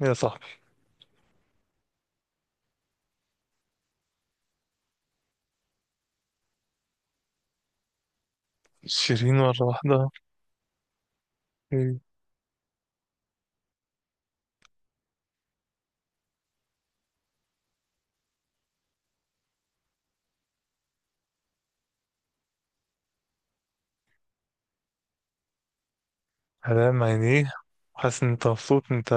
يا صاحبي، شيرين مرة واحدة؟ إيه، هلام عينيه. حاسس ان انت مبسوط؟ انت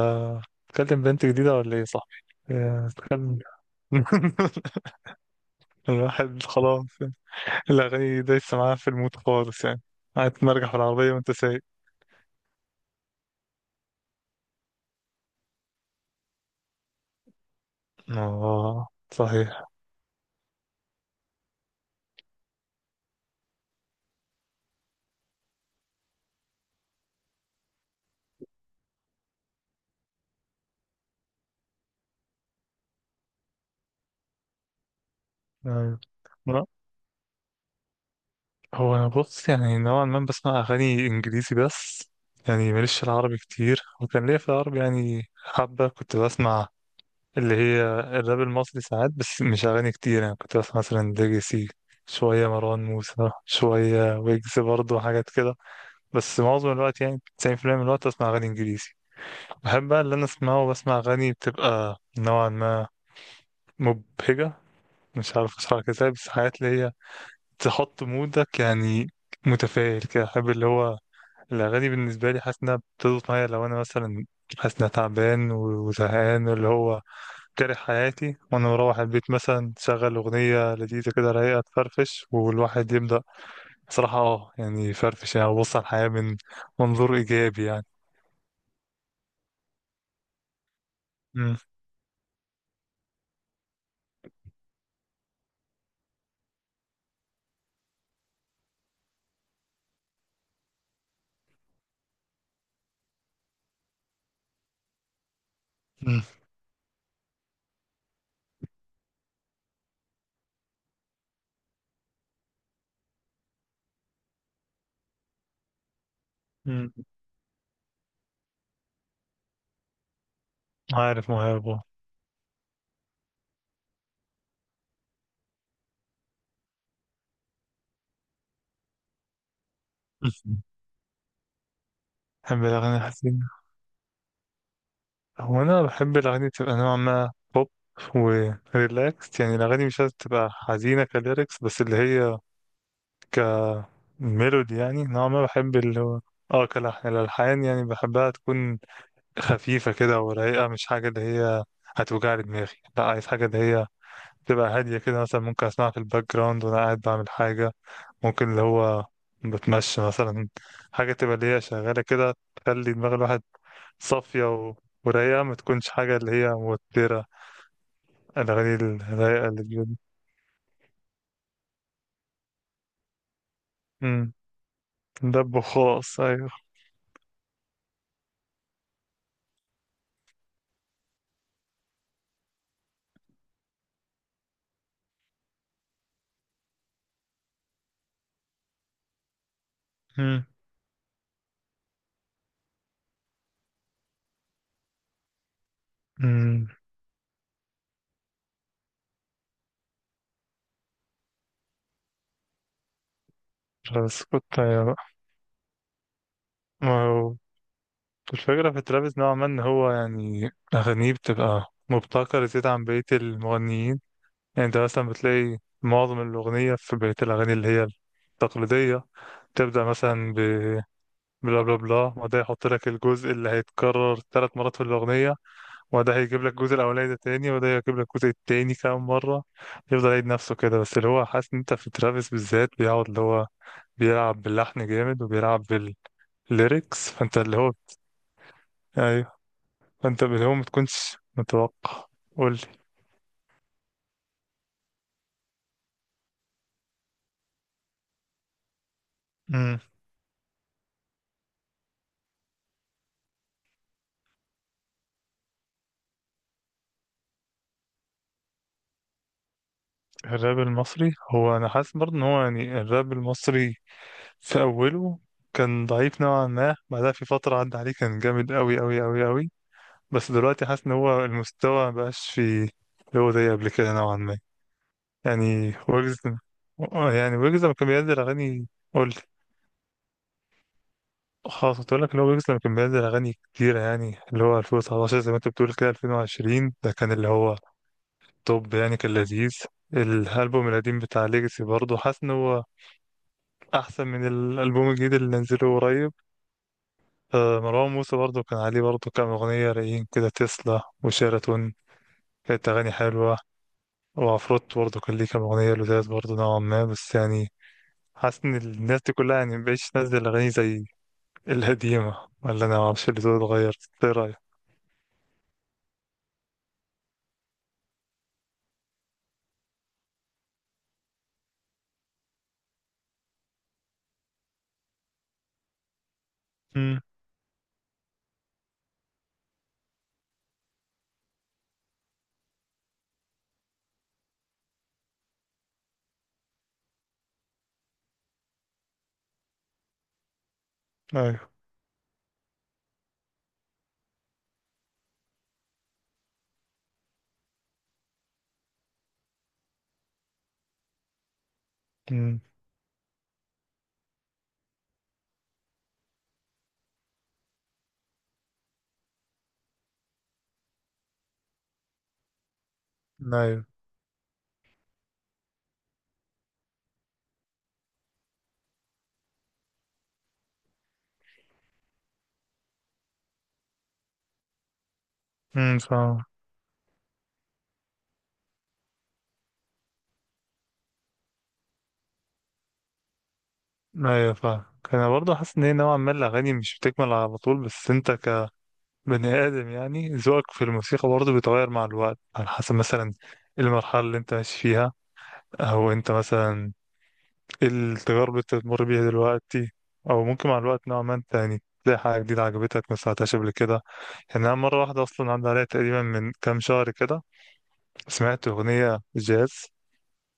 بتكلم بنت جديدة ولا ايه يا صاحبي؟ إيه، بتكلم. الواحد خلاص يعني. الأغاني دايسة معاه في الموت خالص يعني. قاعد تمرجح في العربية وانت سايق. اه، صحيح. أيوة. لا، هو انا بص يعني نوعا ما بسمع أغاني إنجليزي بس، يعني ماليش في العربي كتير. وكان ليا في العربي يعني حبة كنت بسمع، اللي هي الراب المصري ساعات، بس مش أغاني كتير. يعني كنت بسمع مثلا ليجاسي، شوية مروان موسى، شوية ويجز برضه حاجات كده. بس معظم الوقت يعني 90% من الوقت أسمع أغاني إنجليزي. بحب بقى اللي أنا أسمعه، بسمع أغاني بتبقى نوعا ما مبهجة. مش عارف أشرحها ازاي، بس حاجات اللي هي تحط مودك يعني متفائل كده. أحب اللي هو الأغاني بالنسبة لي، حاسس إنها بتضبط معايا. لو أنا مثلا حاسس إنها تعبان وزهقان، اللي هو كاره حياتي، وانا مروح البيت مثلا، تشغل اغنيه لذيذه كده رايقه تفرفش والواحد يبدا. صراحه اه، يعني يفرفش، يعني يبص على الحياه من منظور ايجابي يعني. امم. امم. أمم. عارف مهاب، آه. أمم. بحب الاغاني الحزينه. هو انا بحب الاغاني تبقى نوعا ما بوب وريلاكس. يعني الاغاني مش لازم تبقى حزينه كليركس، بس اللي هي كميلودي. يعني نوعا ما بحب اللي هو، اه، كلحن، الالحان يعني. بحبها تكون خفيفة كده ورايقة، مش حاجة اللي هي هتوجع لي دماغي. لا، عايز حاجة اللي هي تبقى هادية كده. مثلا ممكن أسمعها في الباك جراوند وأنا قاعد بعمل حاجة. ممكن اللي هو بتمشى مثلا، حاجة تبقى اللي هي شغالة كده تخلي دماغ الواحد صافية و... ورايقة، ما تكونش حاجة اللي هي موترة. الأغاني الرايقة اللي بجد. امم. ده بخاص، أيوه. مم. مم. بس كنت أيوة. بقى، ما هو الفكرة في ترافيس نوعا ما إن هو يعني أغانيه بتبقى مبتكرة زيادة عن بقية المغنيين. يعني أنت مثلا بتلاقي معظم الأغنية في بقية الأغاني اللي هي التقليدية تبدأ مثلا ب بلا بلا بلا، وده يحط لك الجزء اللي هيتكرر ثلاث مرات في الأغنية. وده هيجيب لك الجزء الأولاني ده تاني، وده هيجيب لك الجزء التاني كام مرة. يفضل يعيد نفسه كده. بس اللي هو حاسس إن أنت في ترافيس بالذات بيقعد اللي هو بيلعب باللحن جامد وبيلعب بالليركس. فأنت اللي هو أيوه، فانت اللي هو ما تكونش متوقع. قول لي. امم. الراب المصري، هو انا حاسس برضه ان هو يعني الراب المصري في اوله كان ضعيف نوعا ما. بعدها في فترة عدى عليه كان جامد قوي قوي قوي قوي. بس دلوقتي حاسس ان هو المستوى مبقاش في اللي هو زي قبل كده نوعا ما. يعني ويجز، يعني ويجز لما كان بينزل اغاني. قول لي. خلاص كنت اقول لك اللي هو ويجز لما كان بينزل اغاني كتيرة يعني اللي هو 2019 زي ما انت بتقول كده، 2020 ده كان اللي هو طب يعني كان لذيذ. الألبوم القديم بتاع ليجاسي برضه حاسس إن هو أحسن من الألبوم الجديد اللي نزله قريب. مروان موسى برضه كان عليه برضه كام أغنية رايقين كده، تسلا وشيراتون، كانت أغاني حلوة. وعفروت برضه كان ليه كام أغنية لذاذ برضه نوعا ما، بس يعني حاسس إن الناس دي كلها يعني مبقتش تنزل أغاني زي القديمة. ولا أنا معرفش اللي دول اتغير؟ إيه رأيك؟ أمم. أيوه. أمم. أيوه. أمم، فاهم. ايوه، فاهم. انا برضه حاسس ان هي نوعا ما الاغاني مش بتكمل على طول، بس انت كبني ادم يعني ذوقك في الموسيقى برضه بيتغير مع الوقت على حسب مثلا إيه المرحله اللي انت ماشي فيها، او انت مثلا إيه التجارب اللي انت بتمر بيها دلوقتي. او ممكن مع الوقت نوعا ما انت يعني تلاقي حاجه جديده عجبتك ما سمعتهاش قبل كده. يعني انا مره واحده اصلا عدى عليا تقريبا من كام شهر كده سمعت اغنيه جاز،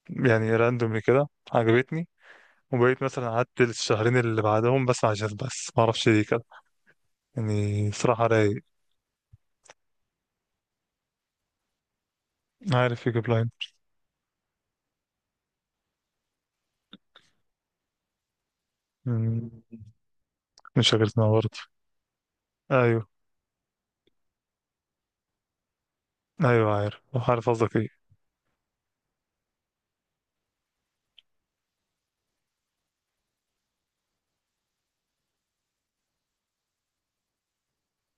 يعني راندوم كده عجبتني. وبقيت مثلا قعدت الشهرين اللي بعدهم بسمع جاز بس ما اعرفش ليه كده. يعني صراحة رايق. عارف يجيب لاين. مم، مش فاكر اسمها برضه. أيوه. أيوه عارف. عارف قصدك إيه.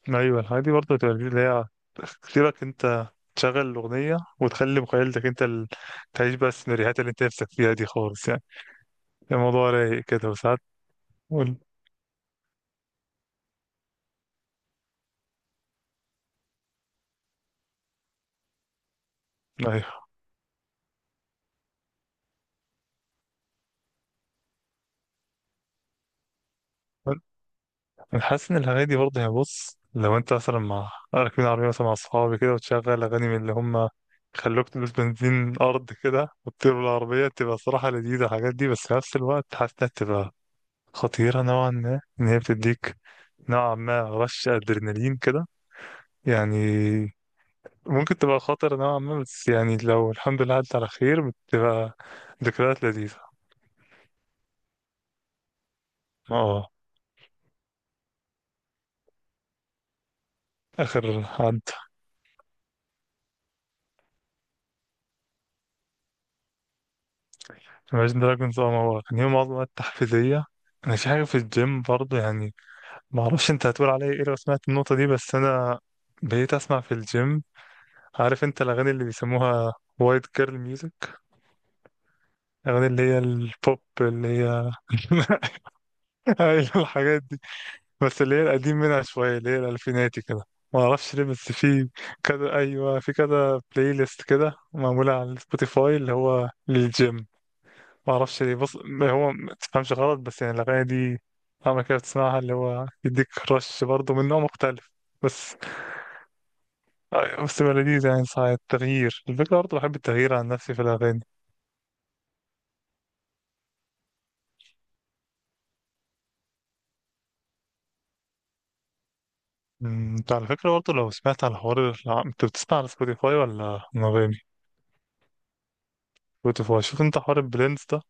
أيوه، الحاجات دي برضه بتبقى اللي هي اختيارك أنت، تشغل الأغنية وتخلي مخيلتك أنت ال... تعيش بقى السيناريوهات اللي أنت نفسك فيها دي خالص يعني. الموضوع رايق كده وساعات. قول. أيوه، انا حاسس ان الاغاني دي برضه هي، بص لو انت مثلا مع راكبين عربيه مثلا مع اصحابي كده، وتشغل اغاني من اللي هم خلوك تلبس بنزين ارض كده وتطير بالعربيه، تبقى صراحه لذيذه الحاجات دي. بس في نفس الوقت حاسس انها تبقى خطيره نوعا ما، ان هي بتديك نوعا ما رش ادرينالين كده. يعني ممكن تبقى خطر نوعا ما، بس يعني لو الحمد لله عدت على خير بتبقى ذكريات لذيذه. اه، اخر Imagine Dragons. اه، ما هو كان يوم عظمة تحفيزية. أنا في حاجة في الجيم برضه يعني، ما أعرفش أنت هتقول عليا إيه لو سمعت النقطة دي. بس أنا بقيت أسمع في الجيم، عارف أنت الأغاني اللي بيسموها وايت جيرل ميوزك، الأغاني اللي هي البوب اللي هي. أيوة الحاجات دي، بس اللي هي القديم منها شوية اللي هي الألفيناتي كده. ما أعرفش ليه، بس في كذا، أيوة، في كذا بلاي ليست كده معمولة على سبوتيفاي اللي هو للجيم. ما اعرفش ليه. بص، ما هو ما تفهمش غلط، بس يعني الاغاني دي اما كده بتسمعها اللي هو يديك رش برضه من نوع مختلف. بس بس بقى لذيذ يعني ساعة التغيير. الفكرة برضه بحب التغيير عن نفسي في الأغاني. انت على فكرة برضه لو سمعت على حوار انت بتسمع على سبوتيفاي ولا انغامي؟ سبوتيفاي. شوف انت حوار البليندز ده.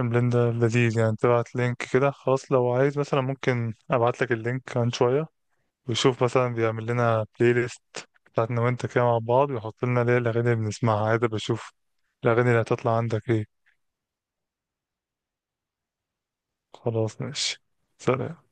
البليند ده لذيذ، يعني تبعت لينك كده. خلاص، لو عايز مثلا ممكن ابعت لك اللينك عن شوية، ويشوف مثلا بيعمل لنا بلاي ليست بتاعتنا وانت كده مع بعض، ويحط لنا ليه الأغاني اللي بنسمعها عادي. بشوف الأغاني اللي هتطلع عندك ايه. خلاص ماشي. سلام.